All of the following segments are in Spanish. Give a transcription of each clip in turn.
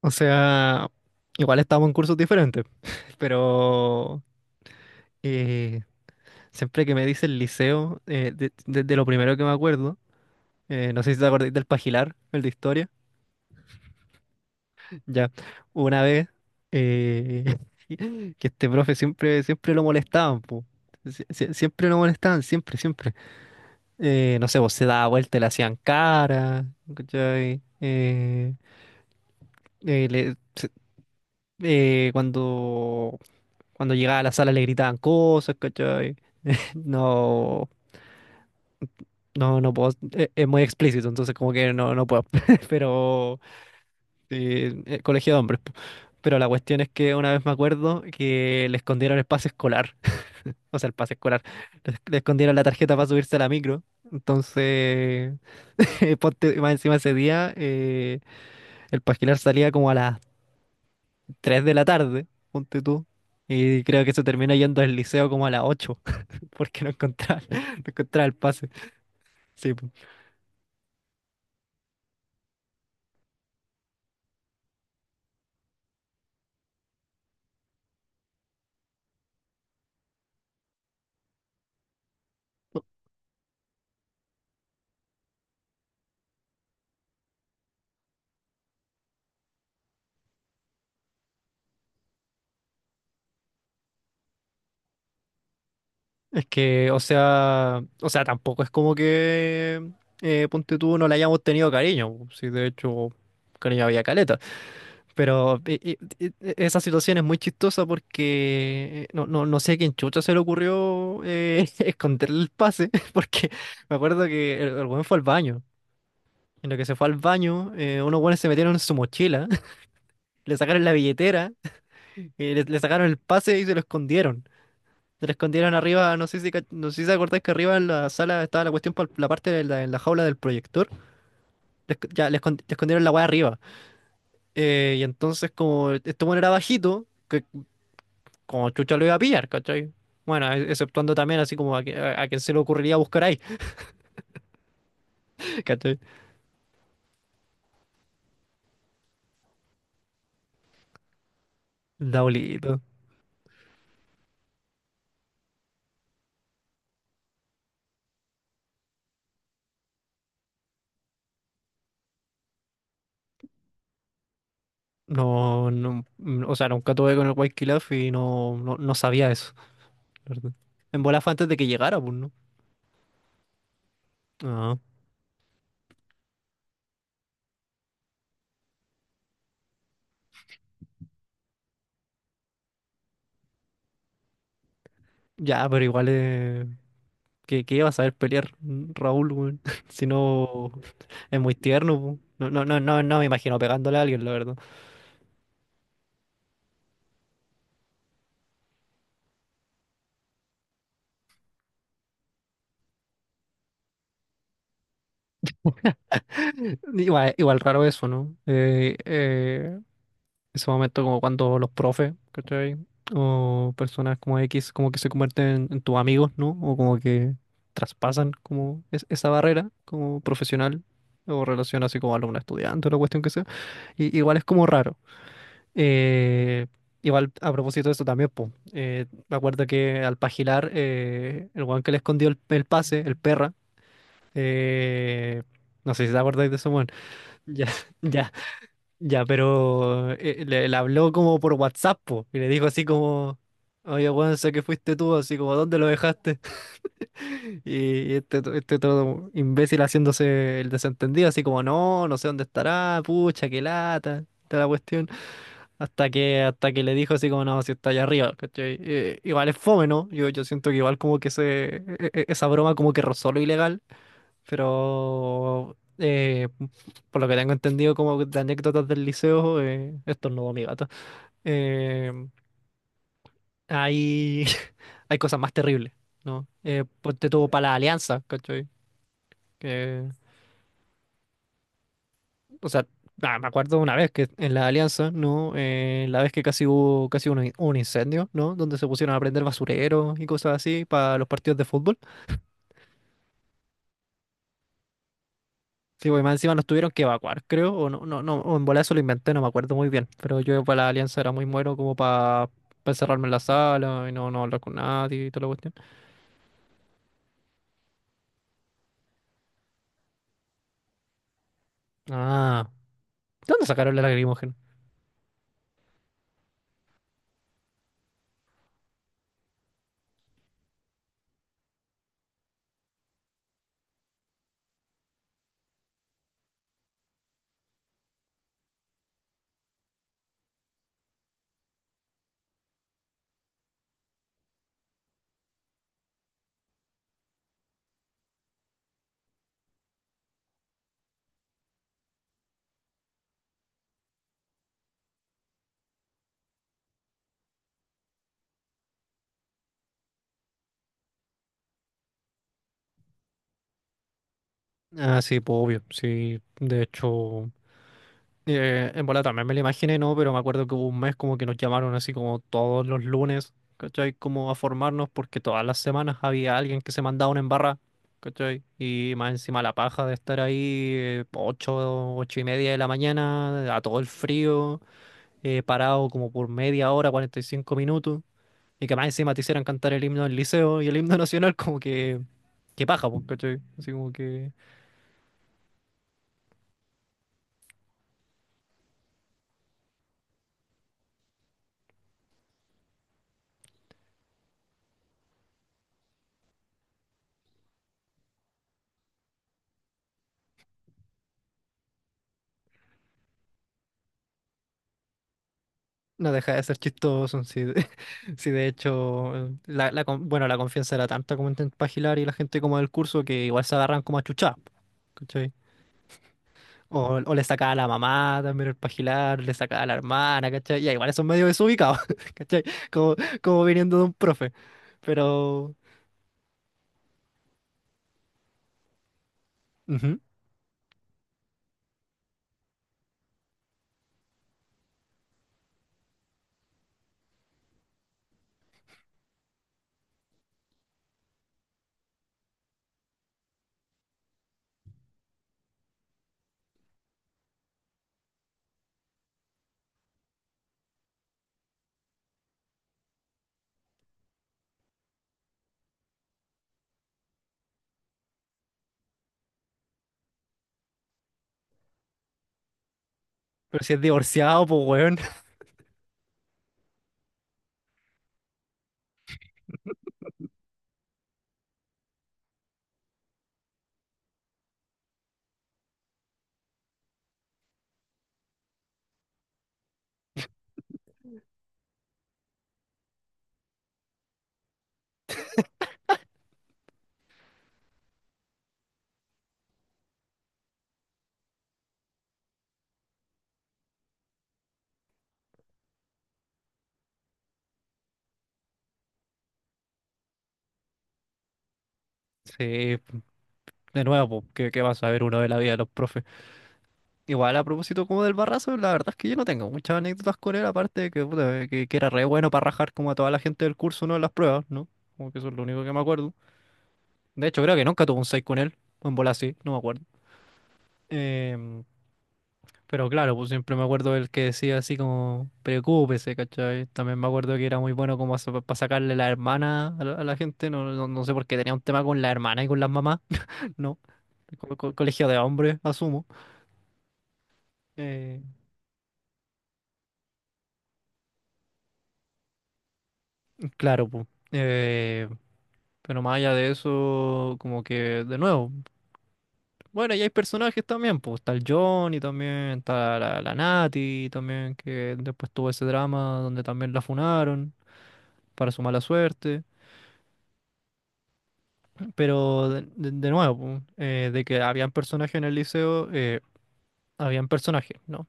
O sea, igual estábamos en cursos diferentes, pero eh, siempre que me dice el liceo, desde lo primero que me acuerdo, no sé si te acordás del Pagilar, el de historia. Ya, una vez eh, que este profe siempre, siempre lo molestaban, po. Siempre lo molestaban, siempre, siempre. No sé, vos se daba vuelta y le hacían cara, ¿cachai? Eh, le- se- eh, cuando Cuando llegaba a la sala le gritaban cosas, ¿cachai? No, no, no puedo, es muy explícito, entonces como que no, no puedo, pero sí. Colegio de hombres, po. Pero la cuestión es que una vez me acuerdo que le escondieron el pase escolar, o sea, el pase escolar. Le escondieron la tarjeta para subirse a la micro. Entonces, ponte, más encima ese día, el pasquilar salía como a las 3 de la tarde, ponte tú, y creo que se termina yendo al liceo como a las 8, porque no encontraba, no encontraba el pase. Sí, po. Es que, o sea, tampoco es como que ponte tú no le hayamos tenido cariño, po. Sí, de hecho, cariño había caleta. Pero esa situación es muy chistosa porque no, no sé a quién chucha se le ocurrió esconderle el pase, porque me acuerdo que el weón fue al baño. En lo que se fue al baño, unos weones se metieron en su mochila, le sacaron la billetera, le sacaron el pase y se lo escondieron. Se la escondieron arriba. No sé si te acordás que arriba en la sala estaba la cuestión por la parte de la, en la jaula del proyector. Ya, le escondieron la weá arriba. Y entonces, como este bueno era bajito, que como chucha lo iba a pillar, ¿cachai? Bueno, exceptuando también así como a, a quien se le ocurriría buscar ahí, ¿cachai? Daulito. No, no, o sea, nunca tuve con el White Kilaf y no, no sabía eso, ¿la verdad? En bola fue antes de que llegara, pues, ¿no? Ah, ya, pero igual es. ¿Qué vas a ver pelear, Raúl, weón? Si no, es muy tierno, po. No, no me imagino pegándole a alguien, la verdad. Igual raro eso, ¿no? Ese momento como cuando los profes, ¿cachai? O personas como X, como que se convierten en tus amigos, ¿no? O como que traspasan como esa barrera como profesional o relación así como alumno-estudiante, la cuestión que sea. Y, igual es como raro. Eh, Igual a propósito de eso también, po, me acuerdo que al pagilar, el weón que le escondió el pase, el perra, eh, no sé si te acordáis de ese weón. Ya, ya, ya, pero le habló como por WhatsApp, po, y le dijo así como, oye weón, sé que fuiste tú, así como, ¿dónde lo dejaste? Y este todo imbécil haciéndose el desentendido, así como, no, no sé dónde estará, pucha, qué lata, toda la cuestión. Hasta que le dijo así como, no, si está allá arriba, ¿cachai? Igual es fome, ¿no? Yo siento que igual como que esa broma como que rozó lo ilegal, pero por lo que tengo entendido como de anécdotas del liceo, estornudó mi gato. eh, hay, hay cosas más terribles, ¿no? Pues te tuvo para la alianza, ¿cachai? O sea, ah, me acuerdo una vez que en la Alianza, ¿no? La vez que casi hubo casi un incendio, ¿no? Donde se pusieron a prender basureros y cosas así para los partidos de fútbol. Sí, güey, más encima nos tuvieron que evacuar, creo. O no, o en bola eso lo inventé, no me acuerdo muy bien. Pero yo para la Alianza era muy muero como para encerrarme en la sala y no hablar con nadie y toda la cuestión. Ah, ¿de dónde sacaron la lacrimógena? Ah, sí, pues obvio, sí, de hecho. En bola también me lo imaginé, ¿no? Pero me acuerdo que hubo un mes como que nos llamaron así como todos los lunes, ¿cachai? Como a formarnos porque todas las semanas había alguien que se mandaba una embarra, ¿cachai? Y más encima la paja de estar ahí 8, 8:30 de la mañana, a todo el frío, parado como por media hora, 45 minutos, y que más encima te hicieran cantar el himno del liceo y el himno nacional, como que qué paja, pues, ¿cachai? Así como que... No deja de ser chistoso. Si de hecho, la, bueno, la confianza era tanta como entre Pagilar y la gente como del curso que igual se agarran como a chuchar, ¿cachai? O le sacaba a la mamá también el Pagilar, le sacaba a la hermana, ¿cachai? Ya igual son medio desubicados, ¿cachai? Como, Como viniendo de un profe, pero... Ujú. Pero si es divorciado, pues weón. Sí, de nuevo, pues, ¿qué vas a ver uno de la vida de los profes? Igual a propósito como del Barrazo, la verdad es que yo no tengo muchas anécdotas con él, aparte de que, puta, que era re bueno para rajar como a toda la gente del curso, ¿no? En las pruebas, ¿no? Como que eso es lo único que me acuerdo. De hecho, creo que nunca tuve un 6 con él, o en bola sí, no me acuerdo. Em, pero claro, pues siempre me acuerdo del que decía así como, preocúpese, ¿cachai? También me acuerdo que era muy bueno como para sacarle la hermana a a la gente. No, no sé por qué tenía un tema con la hermana y con las mamás, ¿no? Colegio de hombres, asumo. Eh, claro, pues. eh, Pero más allá de eso, como que, de nuevo, bueno, y hay personajes también, pues está el Johnny también, está la Nati también, que después tuvo ese drama donde también la funaron para su mala suerte. Pero de nuevo, pues, de que habían personajes en el liceo, habían personajes, ¿no?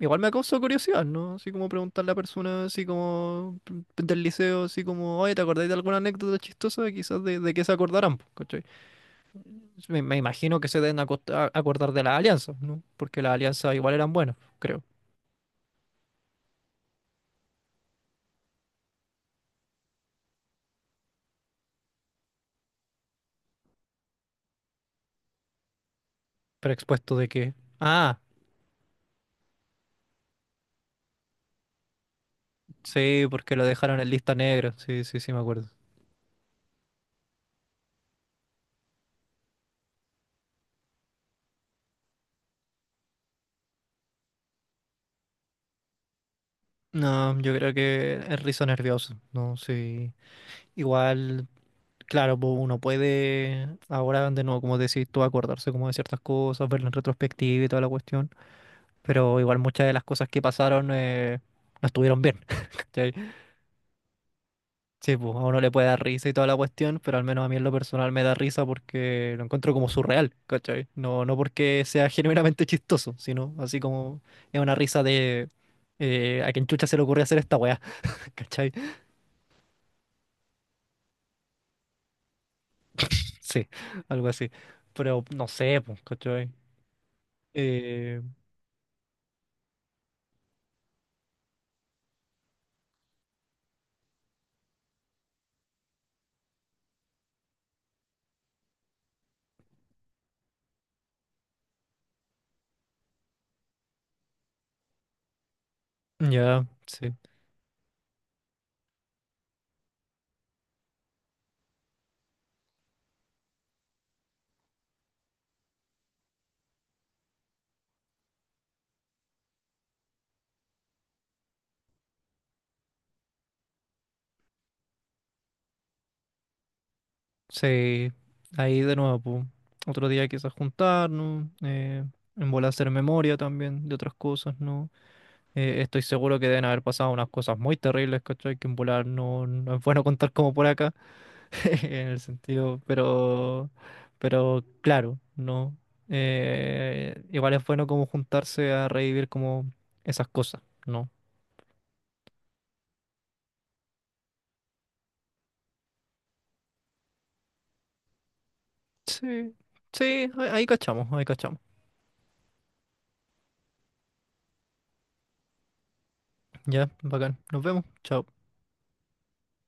Igual me causó curiosidad, ¿no? Así como preguntarle a personas así como del liceo, así como, oye, ¿te acordáis de alguna anécdota chistosa? Quizás de qué se acordarán, pues, ¿cachai? Me imagino que se deben acordar de las alianzas, ¿no? Porque las alianzas igual eran buenas, creo. Pero expuesto de que... Ah, sí, porque lo dejaron en lista negra. Sí, sí, sí, me acuerdo. No, yo creo que es risa nervioso, ¿no? Sí. Igual, claro, pues uno puede ahora de nuevo, como decís tú, acordarse como de ciertas cosas, verlo en retrospectiva y toda la cuestión. Pero igual muchas de las cosas que pasaron no estuvieron bien. Sí, pues a uno le puede dar risa y toda la cuestión, pero al menos a mí en lo personal me da risa porque lo encuentro como surreal, ¿cachai? No, no porque sea genuinamente chistoso, sino así como es una risa de a quien chucha se le ocurrió hacer esta weá, ¿cachai? Sí, algo así. Pero no sé, pues, ¿cachai? Eh, ya, sí, sí. Ahí de nuevo, pues. Otro día quizás juntarnos, en bola hacer memoria también de otras cosas, ¿no? Estoy seguro que deben haber pasado unas cosas muy terribles, ¿cachai? Que en volar no es bueno contar como por acá, en el sentido, pero, claro, no. Igual es bueno como juntarse a revivir como esas cosas, ¿no? Sí, sí, ahí cachamos, ahí cachamos. Ya, bacán, nos vemos, chao.